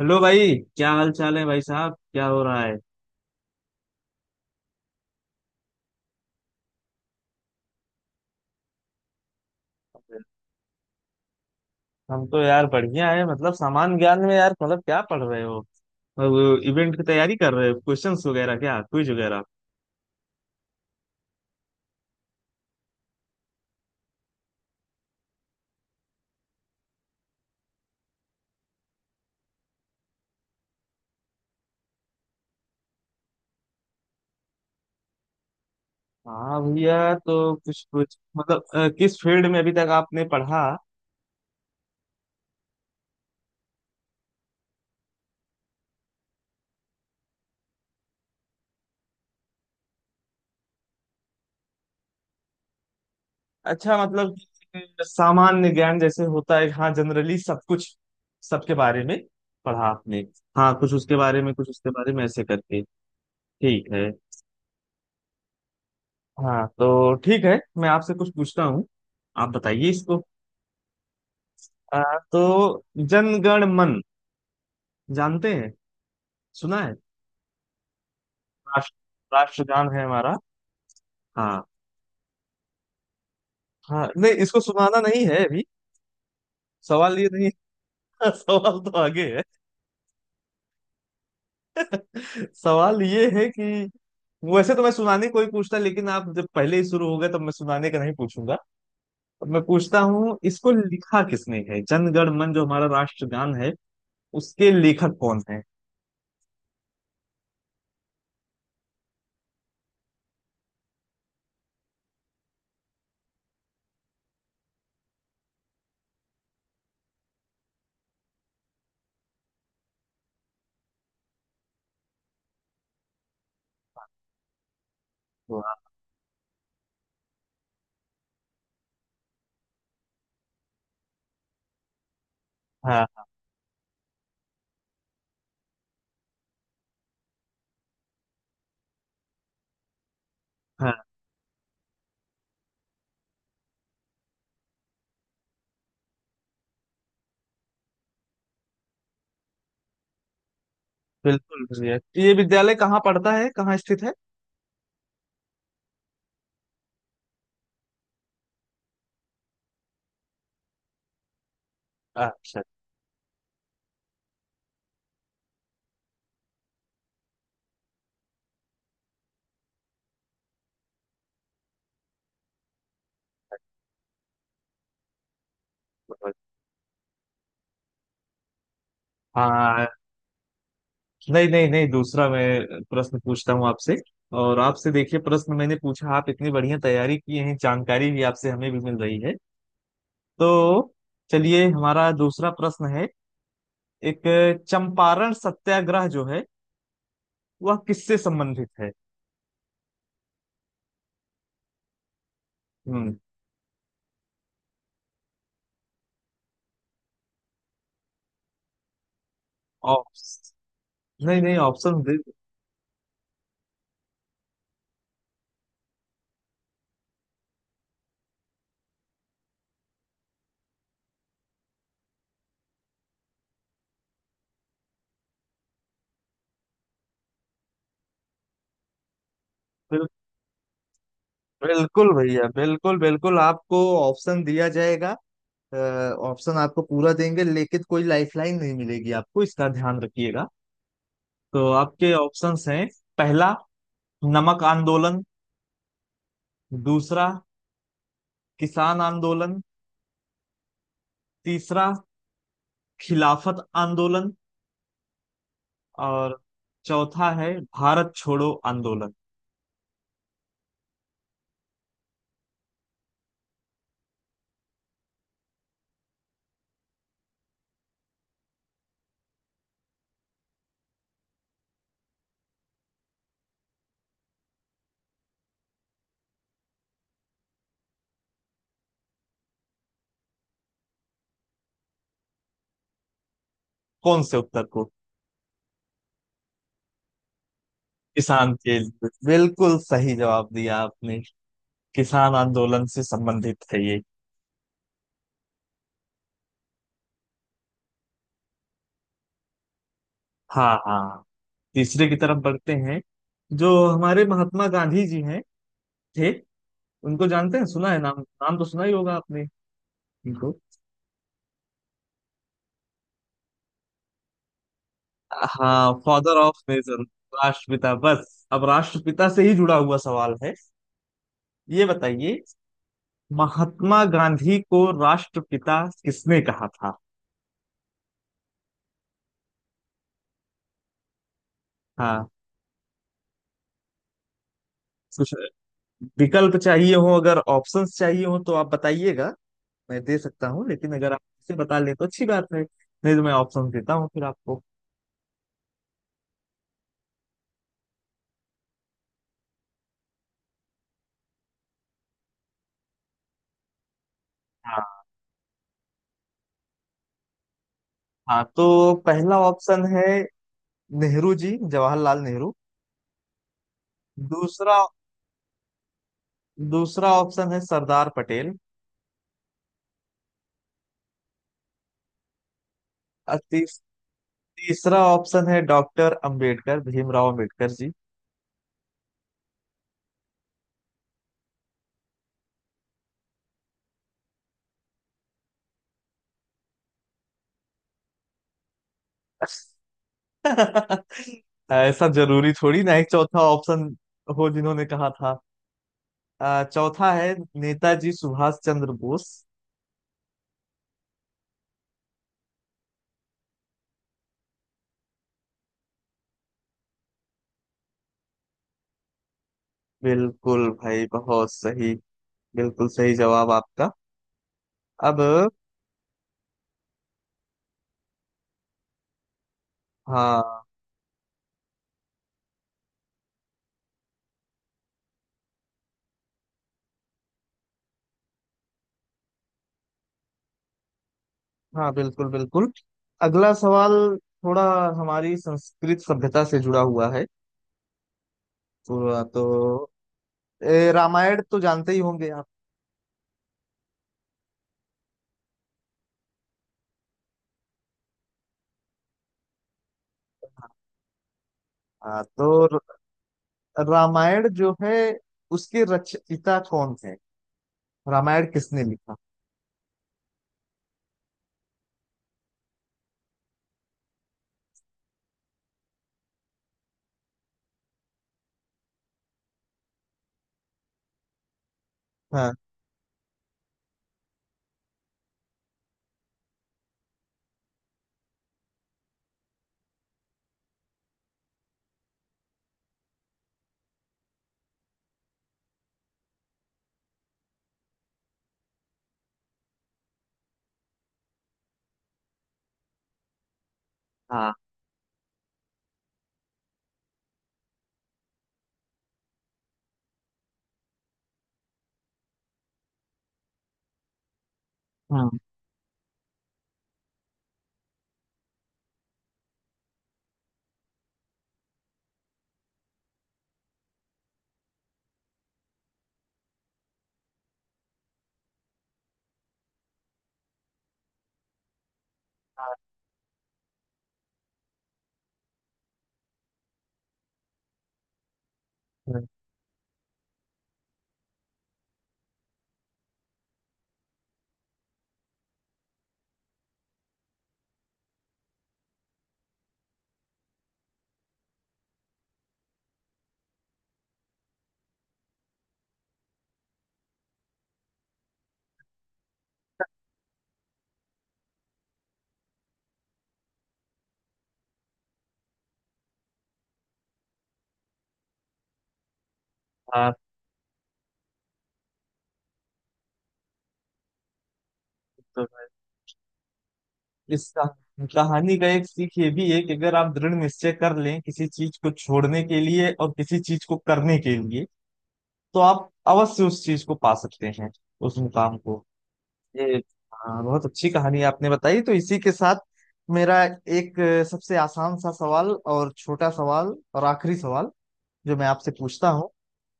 Hello भाई, क्या हाल चाल है? भाई साहब, क्या हो रहा है? हम तो यार बढ़िया है। मतलब सामान्य ज्ञान में यार, मतलब क्या पढ़ रहे हो? और वो इवेंट की तैयारी कर रहे हो? क्वेश्चंस वगैरह, क्या क्विज वगैरह? हाँ भैया, तो कुछ कुछ मतलब किस फील्ड में अभी तक आपने पढ़ा? अच्छा, मतलब सामान्य ज्ञान जैसे होता है, हाँ, जनरली सब कुछ, सबके बारे में पढ़ा आपने। हाँ, कुछ उसके बारे में, कुछ उसके बारे में ऐसे करके। ठीक है। हाँ तो ठीक है, मैं आपसे कुछ पूछता हूँ। आप बताइए इसको। आ, तो जनगण मन जानते हैं, सुना है? राष्ट्र राष्ट्रगान है हमारा। हाँ हाँ, नहीं, इसको सुनाना नहीं है अभी। सवाल ये नहीं। सवाल तो आगे है। सवाल ये है कि वैसे तो मैं सुनाने कोई पूछता, लेकिन आप जब पहले ही शुरू हो गए, तब मैं सुनाने का नहीं पूछूंगा। अब मैं पूछता हूँ, इसको लिखा किसने है? जनगण मन जो हमारा राष्ट्रगान है, उसके लेखक कौन है? वाह। हाँ हाँ। बिल्कुल बढ़िया। ये विद्यालय कहाँ पड़ता है, कहाँ स्थित है? अच्छा। हाँ, नहीं नहीं नहीं, दूसरा मैं प्रश्न पूछता हूँ आपसे। और आपसे देखिए, प्रश्न मैंने पूछा, आप इतनी बढ़िया तैयारी की है, जानकारी भी आपसे हमें भी मिल रही है। तो चलिए, हमारा दूसरा प्रश्न है। एक चंपारण सत्याग्रह जो है, वह किससे संबंधित है? हम्म। ऑप्स, नहीं नहीं, ऑप्शन दे। बिल, बिल्कुल भैया, बिल्कुल बिल्कुल आपको ऑप्शन दिया जाएगा। अ, ऑप्शन आपको पूरा देंगे, लेकिन कोई लाइफलाइन नहीं मिलेगी आपको, इसका ध्यान रखिएगा। तो आपके ऑप्शंस हैं। पहला, नमक आंदोलन। दूसरा, किसान आंदोलन। तीसरा, खिलाफत आंदोलन। और चौथा है भारत छोड़ो आंदोलन। कौन से उत्तर को? किसान के लिए, बिल्कुल सही जवाब दिया आपने। किसान आंदोलन से संबंधित है ये। हाँ हाँ, तीसरे की तरफ बढ़ते हैं। जो हमारे महात्मा गांधी जी हैं, थे, उनको जानते हैं? सुना है नाम? नाम तो सुना ही होगा आपने इनको। हाँ, फादर ऑफ नेशन। राष्ट्रपिता, बस अब राष्ट्रपिता से ही जुड़ा हुआ सवाल है। ये बताइए, महात्मा गांधी को राष्ट्रपिता किसने कहा था? हाँ, कुछ विकल्प चाहिए हो, अगर ऑप्शंस चाहिए हो तो आप बताइएगा। मैं दे सकता हूँ, लेकिन अगर आप इसे बता ले तो अच्छी बात है। नहीं तो मैं ऑप्शन देता हूँ फिर आपको। हाँ, हाँ तो पहला ऑप्शन है नेहरू जी, जवाहरलाल नेहरू। दूसरा, दूसरा ऑप्शन है सरदार पटेल। तीसरा ऑप्शन है डॉक्टर अंबेडकर, भीमराव अंबेडकर जी। ऐसा जरूरी थोड़ी ना, एक चौथा ऑप्शन हो जिन्होंने कहा था। चौथा है नेताजी सुभाष चंद्र बोस। बिल्कुल भाई, बहुत सही। बिल्कुल सही जवाब आपका। अब हाँ, हाँ बिल्कुल बिल्कुल, अगला सवाल थोड़ा हमारी संस्कृत सभ्यता से जुड़ा हुआ है। तो रामायण तो जानते ही होंगे आप। हाँ, तो रामायण जो है, उसके रचयिता कौन थे? रामायण किसने लिखा? हाँ हाँ हाँ। हाँ। हाँ तो मैं, इस कहानी का एक सीख ये भी है कि अगर आप दृढ़ निश्चय कर लें किसी चीज को छोड़ने के लिए और किसी चीज को करने के लिए, तो आप अवश्य उस चीज को पा सकते हैं, उस मुकाम को। ये हाँ, बहुत अच्छी कहानी आपने बताई। तो इसी के साथ मेरा एक सबसे आसान सा सवाल और छोटा सवाल और आखिरी सवाल जो मैं आपसे पूछता हूँ,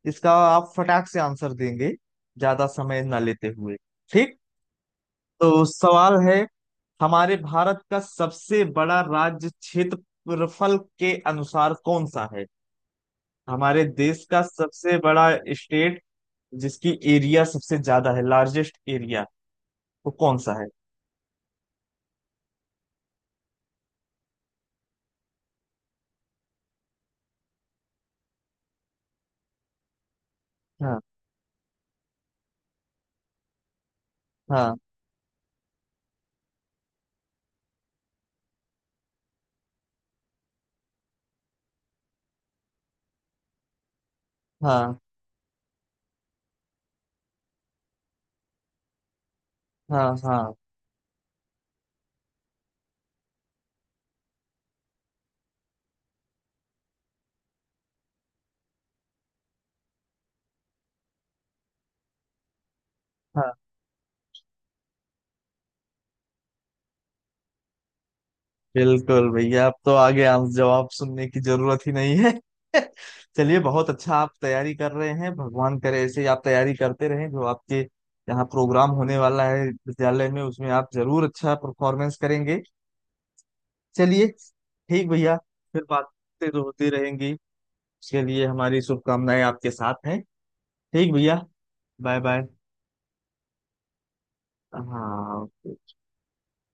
इसका आप फटाक से आंसर देंगे ज्यादा समय ना लेते हुए, ठीक? तो सवाल है, हमारे भारत का सबसे बड़ा राज्य क्षेत्रफल के अनुसार कौन सा है? हमारे देश का सबसे बड़ा स्टेट जिसकी एरिया सबसे ज्यादा है, लार्जेस्ट एरिया, वो कौन सा है? हाँ हाँ हाँ। हाँ हाँ हाँ, बिल्कुल भैया, अब तो आगे आंस जवाब सुनने की जरूरत ही नहीं है। चलिए, बहुत अच्छा आप तैयारी कर रहे हैं। भगवान करे ऐसे ही आप तैयारी करते रहें। जो आपके यहाँ प्रोग्राम होने वाला है विद्यालय में, उसमें आप जरूर अच्छा परफॉर्मेंस करेंगे। चलिए, ठीक भैया। फिर बातें तो होती रहेंगी। उसके लिए हमारी शुभकामनाएं आपके साथ हैं। ठीक भैया, बाय बाय। हाँ।